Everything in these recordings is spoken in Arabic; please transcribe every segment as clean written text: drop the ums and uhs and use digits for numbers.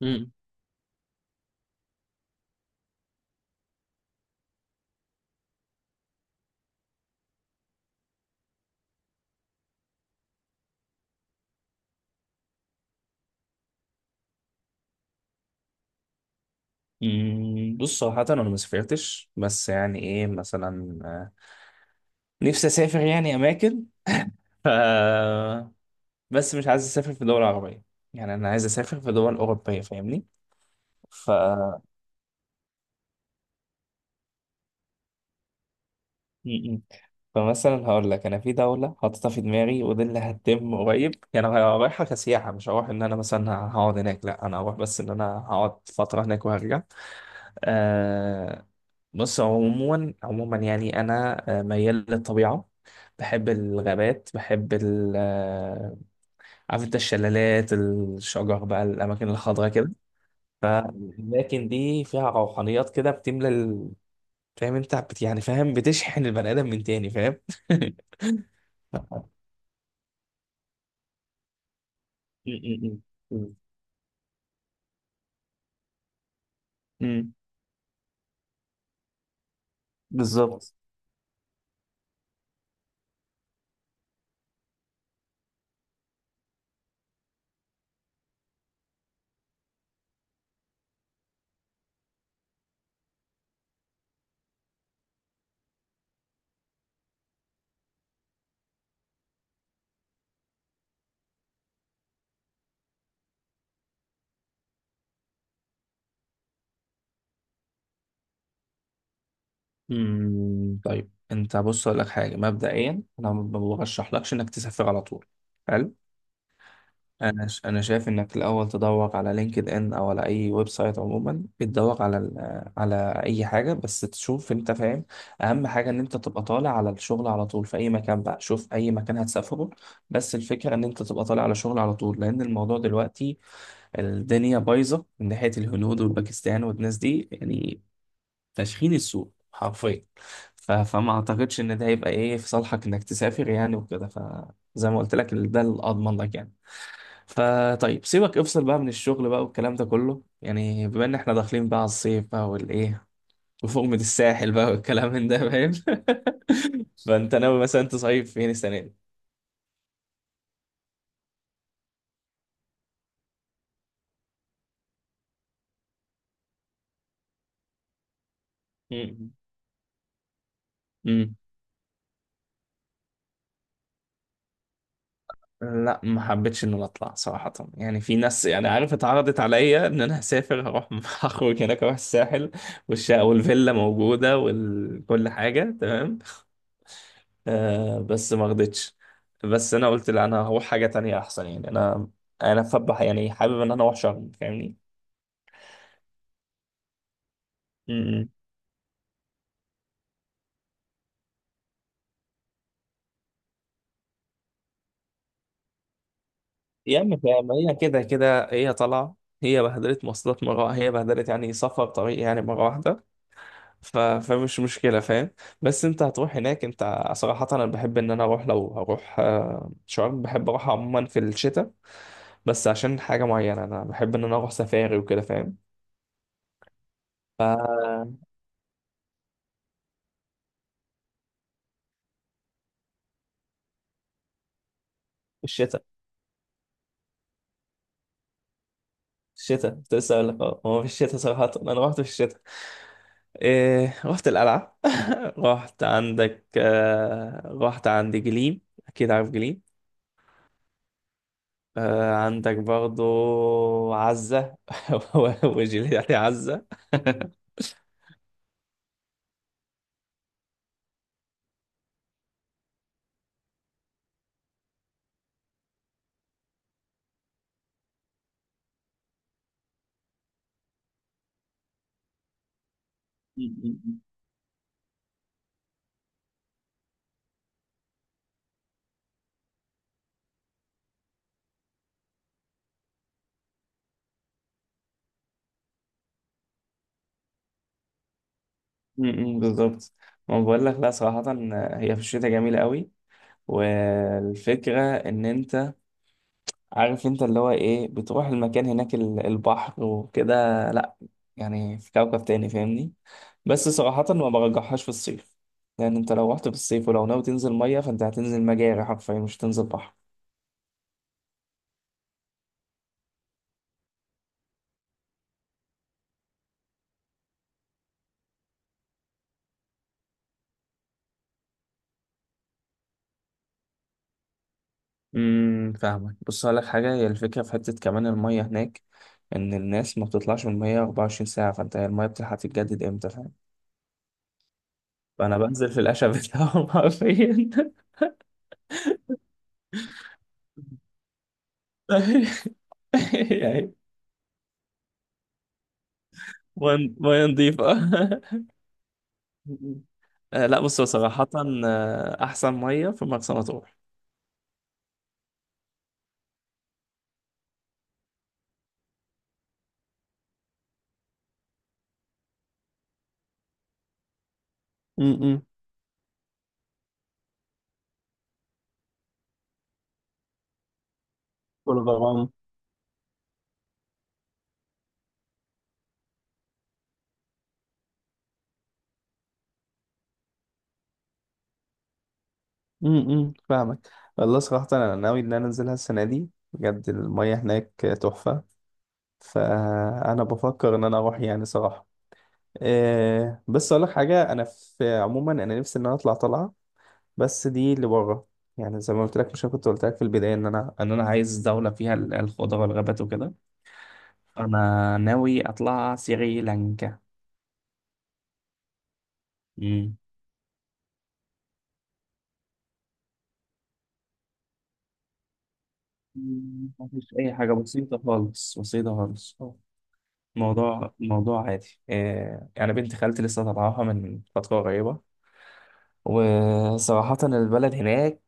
مم. بص، صراحة أنا ما سافرتش، بس يعني إيه مثلا، نفسي أسافر يعني أماكن. ف بس مش عايز أسافر في دول عربية، يعني أنا عايز أسافر في دول أوروبية، فاهمني؟ ف مم. فمثلا هقول لك، أنا في دولة حاططها في دماغي ودي اللي هتتم قريب، يعني أنا رايحة كسياحة، مش هروح إن أنا مثلا هقعد هناك، لا أنا هروح بس إن أنا هقعد فترة هناك وهرجع. آه، بص، عموما عموما يعني انا، ميال للطبيعه، بحب الغابات، بحب ال آه، عارف انت الشلالات، الشجر بقى، الاماكن الخضراء كده. فالاماكن دي فيها روحانيات كده، بتملى فاهم انت، يعني فاهم، بتشحن البني ادم من تاني، فاهم؟ م- م- م. م. بالظبط. طيب انت، بص اقول لك حاجه، مبدئيا انا ما برشحلكش انك تسافر على طول. حلو. انا شايف انك الاول تدور على لينكد ان، او على اي ويب سايت عموما، بتدور على على اي حاجه بس تشوف انت، فاهم؟ اهم حاجه ان انت تبقى طالع على الشغل على طول في اي مكان بقى، شوف اي مكان هتسافره، بس الفكره ان انت تبقى طالع على شغل على طول، لان الموضوع دلوقتي الدنيا بايظه من ناحيه الهنود والباكستان والناس دي يعني، تشخين السوق حرفيا. فما اعتقدش ان ده هيبقى ايه في صالحك انك تسافر يعني وكده، فزي ما قلت لك ده الاضمن لك يعني. فطيب سيبك، افصل بقى من الشغل بقى والكلام ده كله، يعني بما ان احنا داخلين بقى على الصيف بقى والايه، وفوق الساحل بقى والكلام من ده، فاهم؟ فانت ناوي مثلا تصيف فين السنه دي؟ مم. امم لا ما حبيتش ان انا اطلع، صراحه يعني في ناس يعني، عارف اتعرضت عليا ان انا هسافر هروح هخرج هناك، اروح الساحل والشقه والفيلا موجوده وكل حاجه تمام، بس ما رضيتش. بس انا قلت لا، انا هروح حاجه تانية احسن، يعني انا فبح يعني حابب ان انا اروح شرم، فاهمني؟ امم. يا عم فاهم، هي كده كده هي طالعه، هي بهدلت مواصلات مره، هي بهدلت يعني سفر طريق يعني مره واحده. فمش مشكله، فاهم؟ بس انت هتروح هناك، انت صراحه انا بحب ان انا اروح، لو هروح شرم، بحب اروح عموما في الشتاء، بس عشان حاجه معينه انا بحب ان انا اروح سفاري وكده، فاهم؟ ف- الشتاء. الشتاء كنت لسه اقول لك، اه هو في الشتاء صراحة، انا رحت في الشتاء، إيه رحت القلعة. رحت عندك، رحت عند جليم، اكيد عارف جليم، عندك برضو عزة. وجليم يعني عزة. م- بالظبط. ما بقول لك، لا صراحة هي في الشتاء جميلة قوي، والفكرة ان انت عارف انت اللي هو ايه، بتروح المكان هناك البحر وكده، لا يعني في كوكب تاني، فاهمني؟ بس صراحة ما برجحهاش في الصيف، لأن أنت لو رحت في الصيف ولو ناوي تنزل مية فأنت هتنزل مجاري حرفيا، مش هتنزل بحر. فاهمك، بص هقول لك حاجة، هي الفكرة في حتة كمان، المية هناك إن الناس ما بتطلعش من المية 24 ساعة، فأنت هي المية بتلحق تتجدد إمتى، فاهم؟ فأنا بنزل في القشة بتاعهم حرفيا. يعني مية مية نضيفة. لا بص هو صراحة، أحسن مية في مرسى مطروح، كل غرام. فاهمك، والله صراحة أنا ناوي إن أنا أنزلها السنة دي، بجد المية هناك تحفة، فأنا بفكر إن أنا أروح يعني صراحة. إيه، بس أقول لك حاجة، أنا في عموما أنا نفسي إن أنا أطلع طلعة بس دي اللي بره، يعني زي ما قلت لك، مش أنا كنت قلت لك في البداية إن أنا عايز دولة فيها الخضرة والغابات وكده، أنا ناوي أطلع سريلانكا. امم. مفيش أي حاجة، بسيطة خالص بسيطة خالص. موضوع موضوع عادي، يعني بنت خالتي لسه طالعاها من فترة قريبة، وصراحة البلد هناك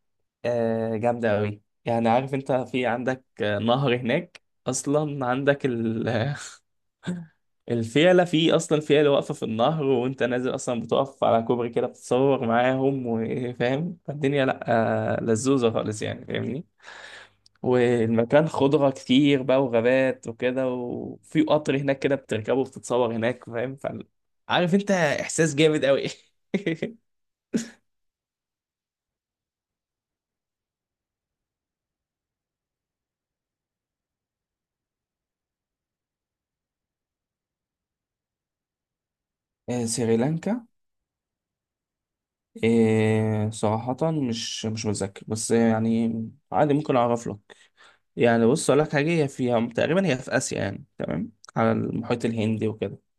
جامدة أوي، يعني عارف أنت في عندك نهر هناك أصلا، عندك الفيلة، في أصلا فيلة واقفة في النهر وأنت نازل أصلا، بتقف على كوبري كده بتتصور معاهم وفاهم، فالدنيا لأ لزوزة خالص، يعني فاهمني. والمكان خضرة كتير بقى وغابات وكده، وفي قطر هناك كده بتركبه وبتتصور هناك، فاهم؟ عارف انت احساس جامد قوي. سريلانكا، صراحة مش متذكر بس يعني عادي ممكن أعرف لك. يعني بص أقول لك حاجة، هي فيها تقريبا، هي في آسيا يعني على المحيط الهندي وكده،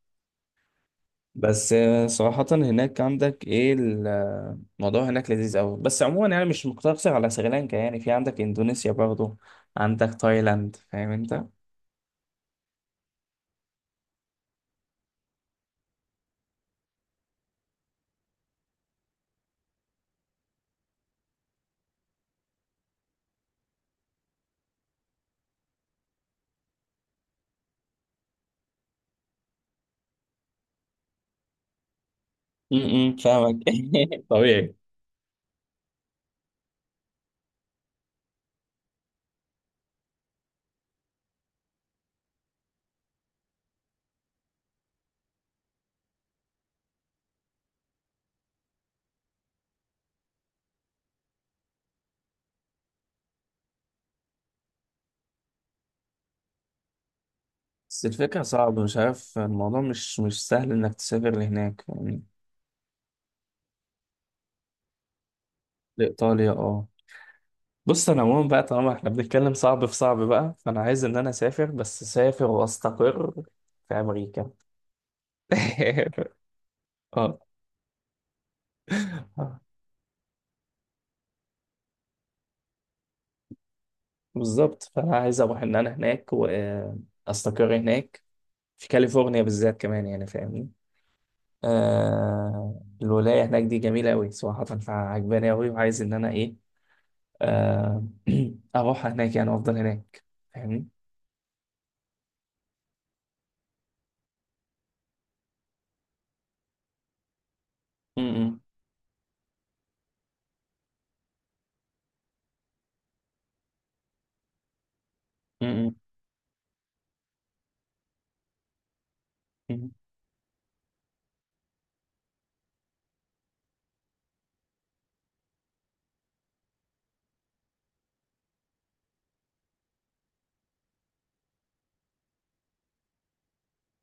بس صراحة هناك عندك ايه الموضوع هناك لذيذ قوي، بس عموما يعني مش مقتصر على سريلانكا، يعني في عندك اندونيسيا برضه، عندك تايلاند، فاهم انت؟ فاهمك. طبيعي. بس الفكرة صعبة، مش عارف الموضوع مش سهل انك تسافر لهناك يعني، لإيطاليا اه. بص انا عموما بقى، طالما احنا بنتكلم صعب في صعب بقى، فانا عايز ان انا اسافر بس اسافر واستقر في امريكا. اه، بالظبط. فانا عايز اروح ان انا هناك واستقر هناك، في كاليفورنيا بالذات كمان يعني، فاهمني؟ الولايه هناك دي جميله قوي صراحه، فعجباني قوي وعايز ان انا ايه، آه اروح هناك يعني افضل هناك، فاهمني؟ م- م- م- م- م.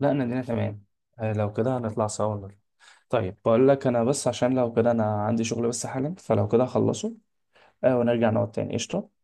لا، انا الدنيا تمام، لو كده هنطلع سوا النهاردة. طيب بقول لك انا، بس عشان لو كده انا عندي شغل بس حالا، فلو كده هخلصه، ونرجع نقعد تاني قشطه.